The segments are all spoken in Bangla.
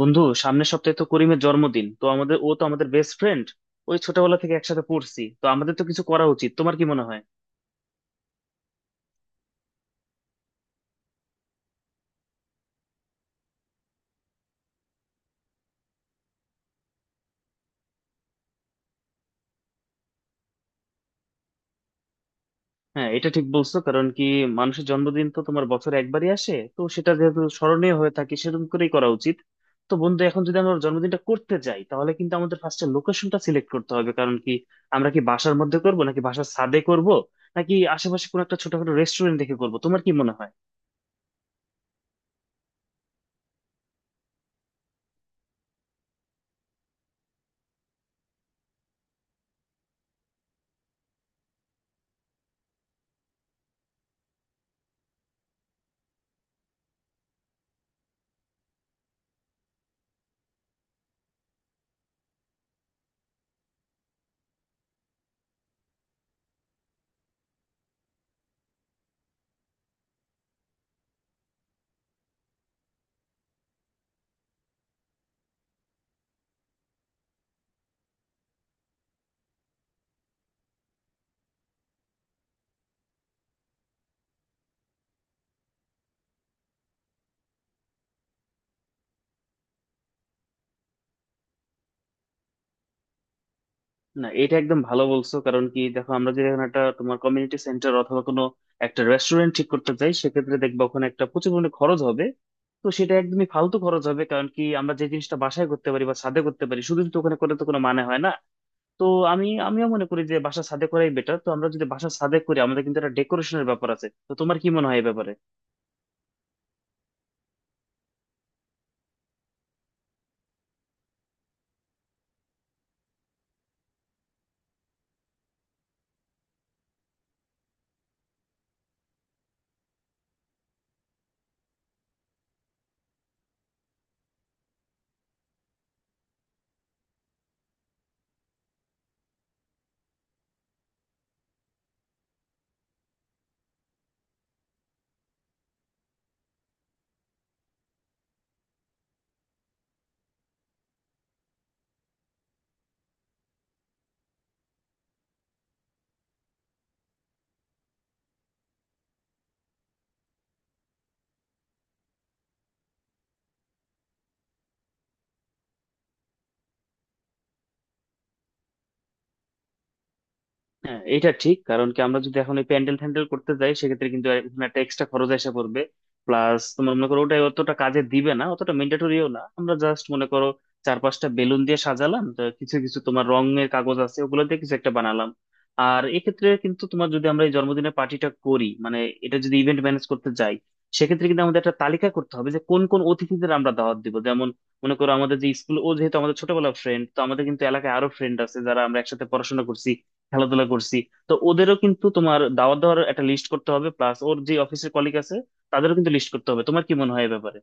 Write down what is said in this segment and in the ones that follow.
বন্ধু, সামনের সপ্তাহে তো করিমের জন্মদিন। তো আমাদের, ও তো আমাদের বেস্ট ফ্রেন্ড, ওই ছোটবেলা থেকে একসাথে পড়ছি। তো আমাদের তো কিছু করা উচিত, তোমার কি মনে হয়? হ্যাঁ, এটা ঠিক বলছো। কারণ কি, মানুষের জন্মদিন তো তোমার বছরে একবারই আসে, তো সেটা যেহেতু স্মরণীয় হয়ে থাকে সেরকম করেই করা উচিত। তো বন্ধু, এখন যদি আমরা ওর জন্মদিনটা করতে যাই, তাহলে কিন্তু আমাদের ফার্স্টে লোকেশনটা সিলেক্ট করতে হবে। কারণ কি, আমরা কি বাসার মধ্যে করব নাকি বাসার ছাদে করব, নাকি আশেপাশে কোনো একটা ছোটখাটো রেস্টুরেন্ট দেখে করব? তোমার কি মনে হয়? না, এটা একদম ভালো বলছো। কারণ কি, দেখো আমরা যদি এখন একটা তোমার কমিউনিটি সেন্টার অথবা কোনো একটা রেস্টুরেন্ট ঠিক করতে চাই, সেক্ষেত্রে দেখবা ওখানে একটা প্রচুর পরিমাণে খরচ হবে। তো সেটা একদমই ফালতু খরচ হবে, কারণ কি আমরা যে জিনিসটা বাসায় করতে পারি বা ছাদে করতে পারি শুধু, তো ওখানে করে তো কোনো মানে হয় না। তো আমিও মনে করি যে বাসা ছাদে করাই বেটার। তো আমরা যদি বাসা ছাদে করি, আমাদের কিন্তু একটা ডেকোরেশনের ব্যাপার আছে। তো তোমার কি মনে হয় এই ব্যাপারে? হ্যাঁ, এটা ঠিক। কারণ কি আমরা যদি এখন এই প্যান্ডেল ফ্যান্ডেল করতে যাই, সেক্ষেত্রে কিন্তু এখানে একটা এক্সট্রা খরচ এসে পড়বে। প্লাস তোমার মনে করো, ওটাই অতটা কাজে দিবে না, অতটা ম্যান্ডেটরিও না। আমরা জাস্ট মনে করো চার পাঁচটা বেলুন দিয়ে সাজালাম, তো কিছু কিছু তোমার রঙের কাগজ আছে, ওগুলো দিয়ে কিছু একটা বানালাম। আর এক্ষেত্রে কিন্তু তোমার, যদি আমরা এই জন্মদিনের পার্টিটা করি মানে, এটা যদি ইভেন্ট ম্যানেজ করতে যাই, সেক্ষেত্রে কিন্তু আমাদের একটা তালিকা করতে হবে যে কোন কোন অতিথিদের আমরা দাওয়াত দিব। যেমন মনে করো, আমাদের যে স্কুল, ও যেহেতু আমাদের ছোটবেলার ফ্রেন্ড, তো আমাদের কিন্তু এলাকায় আরো ফ্রেন্ড আছে যারা আমরা একসাথে পড়াশোনা করছি, খেলাধুলা করছি। তো ওদেরও কিন্তু তোমার দাওয়াত দেওয়ার একটা লিস্ট করতে হবে, প্লাস ওর যে অফিসের কলিগ আছে, তাদেরও কিন্তু লিস্ট করতে হবে। তোমার কি মনে হয় এ ব্যাপারে?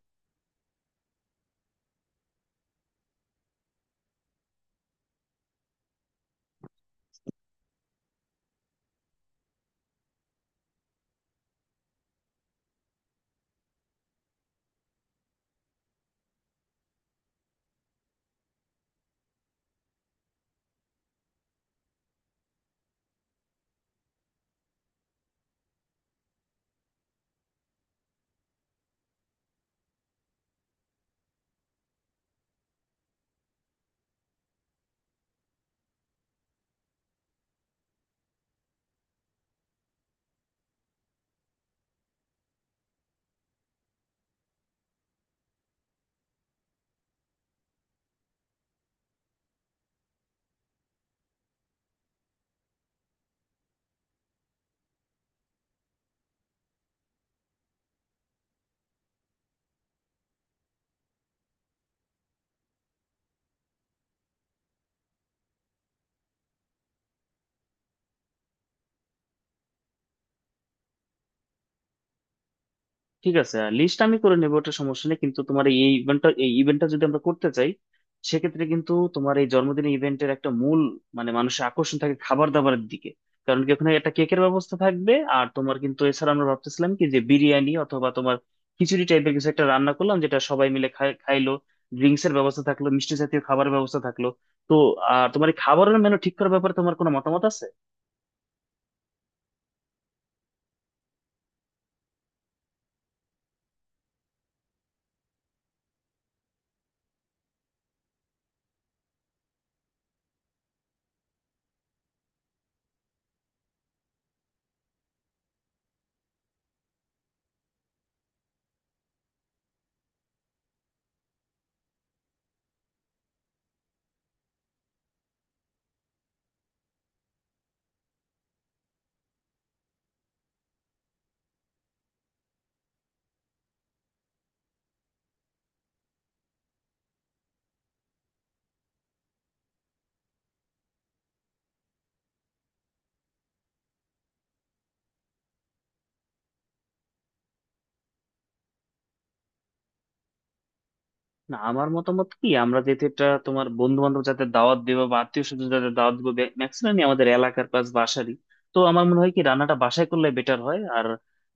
ঠিক আছে, লিস্ট আমি করে নেবো, ওটা সমস্যা নেই। কিন্তু তোমার এই ইভেন্টটা যদি আমরা করতে চাই, সেক্ষেত্রে কিন্তু তোমার এই জন্মদিনের ইভেন্টের একটা মূল মানে মানুষের আকর্ষণ থাকে খাবার দাবারের দিকে। কারণ কি, ওখানে একটা কেকের ব্যবস্থা থাকবে, আর তোমার কিন্তু এছাড়া আমরা ভাবতেছিলাম কি যে বিরিয়ানি অথবা তোমার খিচুড়ি টাইপের কিছু একটা রান্না করলাম যেটা সবাই মিলে খাইলো। ড্রিঙ্কস এর ব্যবস্থা থাকলো, মিষ্টি জাতীয় খাবারের ব্যবস্থা থাকলো। তো আর তোমার এই খাবারের মেনু ঠিক করার ব্যাপারে তোমার কোনো মতামত আছে? না, আমার মতামত কি, আমরা যেহেতু এটা তোমার বন্ধু বান্ধব যাতে দাওয়াত দেবো বা আত্মীয় স্বজন যাতে দাওয়াত দিব, ম্যাক্সিমামই আমাদের এলাকার পাশ বাসারই। তো আমার মনে হয় কি রান্নাটা বাসায় করলে বেটার হয়। আর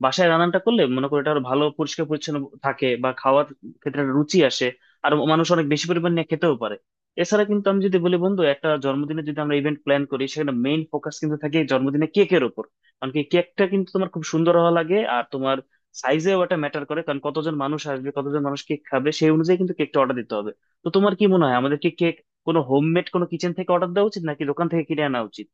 বাসায় রান্নাটা করলে মনে করি এটা আরো ভালো, পরিষ্কার পরিচ্ছন্ন থাকে, বা খাওয়ার ক্ষেত্রে একটা রুচি আসে। আর মানুষ অনেক বেশি পরিমাণ নিয়ে খেতেও পারে। এছাড়া কিন্তু আমি যদি বলি বন্ধু, একটা জন্মদিনে যদি আমরা ইভেন্ট প্ল্যান করি, সেখানে মেইন ফোকাস কিন্তু থাকে জন্মদিনে কেকের উপর। কারণ কি, কেকটা কিন্তু তোমার খুব সুন্দর হওয়া লাগে, আর তোমার সাইজেও এটা ম্যাটার করে। কারণ কতজন মানুষ আসবে, কতজন মানুষ কেক খাবে, সেই অনুযায়ী কিন্তু কেকটা অর্ডার দিতে হবে। তো তোমার কি মনে হয় আমাদের কি কেক কোনো হোমমেড কোনো কিচেন থেকে অর্ডার দেওয়া উচিত নাকি দোকান থেকে কিনে আনা উচিত?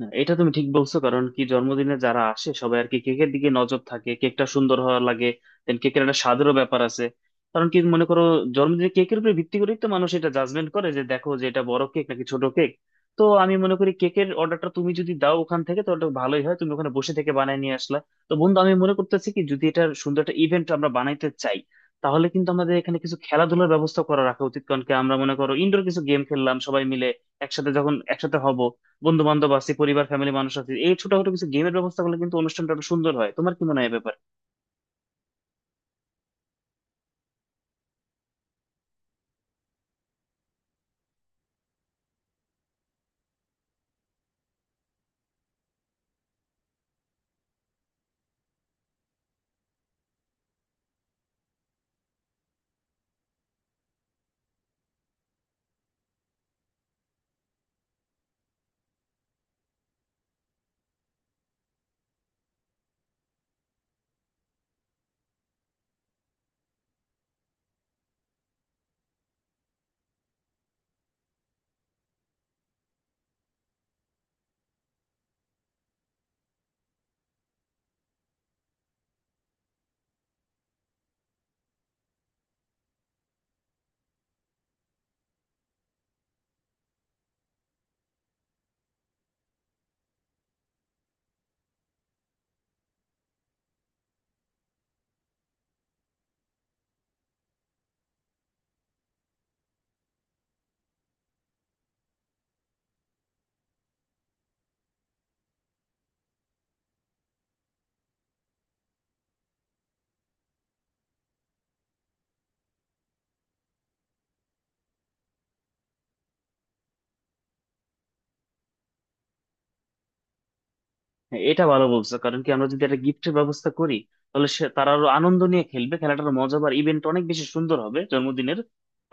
না, এটা তুমি ঠিক বলছো। কারণ কি, জন্মদিনে যারা আসে সবাই আর কি কেকের দিকে নজর থাকে, কেকটা সুন্দর হওয়া লাগে। দেন কেকের একটা স্বাদেরও ব্যাপার আছে। কারণ কি মনে করো, জন্মদিনে কেকের উপর ভিত্তি করেই তো মানুষ এটা জাজমেন্ট করে যে দেখো যে এটা বড় কেক নাকি ছোট কেক। তো আমি মনে করি কেকের অর্ডারটা তুমি যদি দাও ওখান থেকে, তো ওটা ভালোই হয়, তুমি ওখানে বসে থেকে বানায় নিয়ে আসলা। তো বন্ধু, আমি মনে করতেছি কি যদি এটা সুন্দর একটা ইভেন্ট আমরা বানাইতে চাই, তাহলে কিন্তু আমাদের এখানে কিছু খেলাধুলার ব্যবস্থা করা রাখা উচিত। কারণ কি আমরা মনে করো ইনডোর কিছু গেম খেললাম সবাই মিলে একসাথে, যখন একসাথে হব, বন্ধু বান্ধব আছে, পরিবার ফ্যামিলি মানুষ আছে, এই ছোটখাটো কিছু গেমের ব্যবস্থা করলে কিন্তু অনুষ্ঠানটা আরো সুন্দর হয়। তোমার কি মনে হয় ব্যাপার? হ্যাঁ, এটা ভালো বলছো। কারণ কি আমরা যদি একটা গিফটের ব্যবস্থা করি, তাহলে সে তারা আরো আনন্দ নিয়ে খেলবে, খেলাটার মজা আর ইভেন্ট অনেক বেশি সুন্দর হবে জন্মদিনের।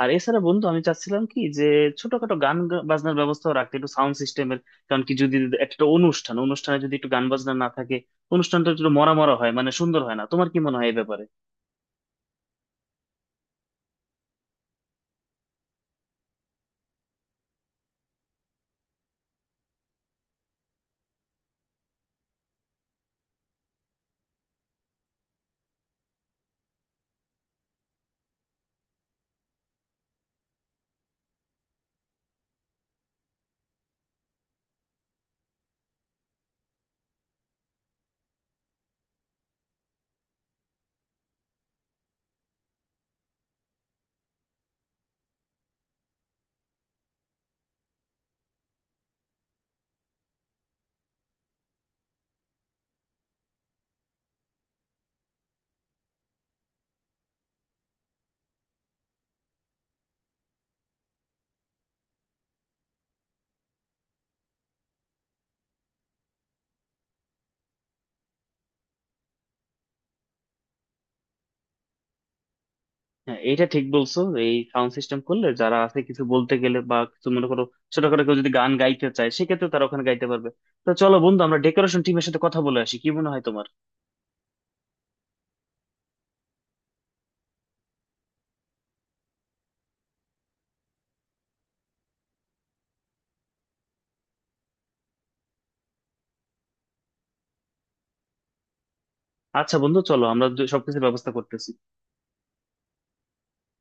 আর এছাড়া বন্ধু, আমি চাচ্ছিলাম কি যে ছোটখাটো গান বাজনার ব্যবস্থা রাখতে, একটু সাউন্ড সিস্টেমের। কারণ কি যদি একটা অনুষ্ঠানে যদি একটু গান বাজনা না থাকে, অনুষ্ঠানটা একটু মরা মরা হয়, মানে সুন্দর হয় না। তোমার কি মনে হয় এই ব্যাপারে? হ্যাঁ, এটা ঠিক বলছো। এই সাউন্ড সিস্টেম করলে যারা আছে কিছু বলতে গেলে, বা কিছু মনে করো ছোটখাটো কেউ যদি গান গাইতে চায়, সেক্ষেত্রে তারা ওখানে গাইতে পারবে। তো চলো বন্ধু আমরা ডেকোরেশন টিমের সাথে কথা বলে আসি, কি মনে হয় তোমার? আচ্ছা বন্ধু, চলো আমরা সবকিছুর ব্যবস্থা করতেছি।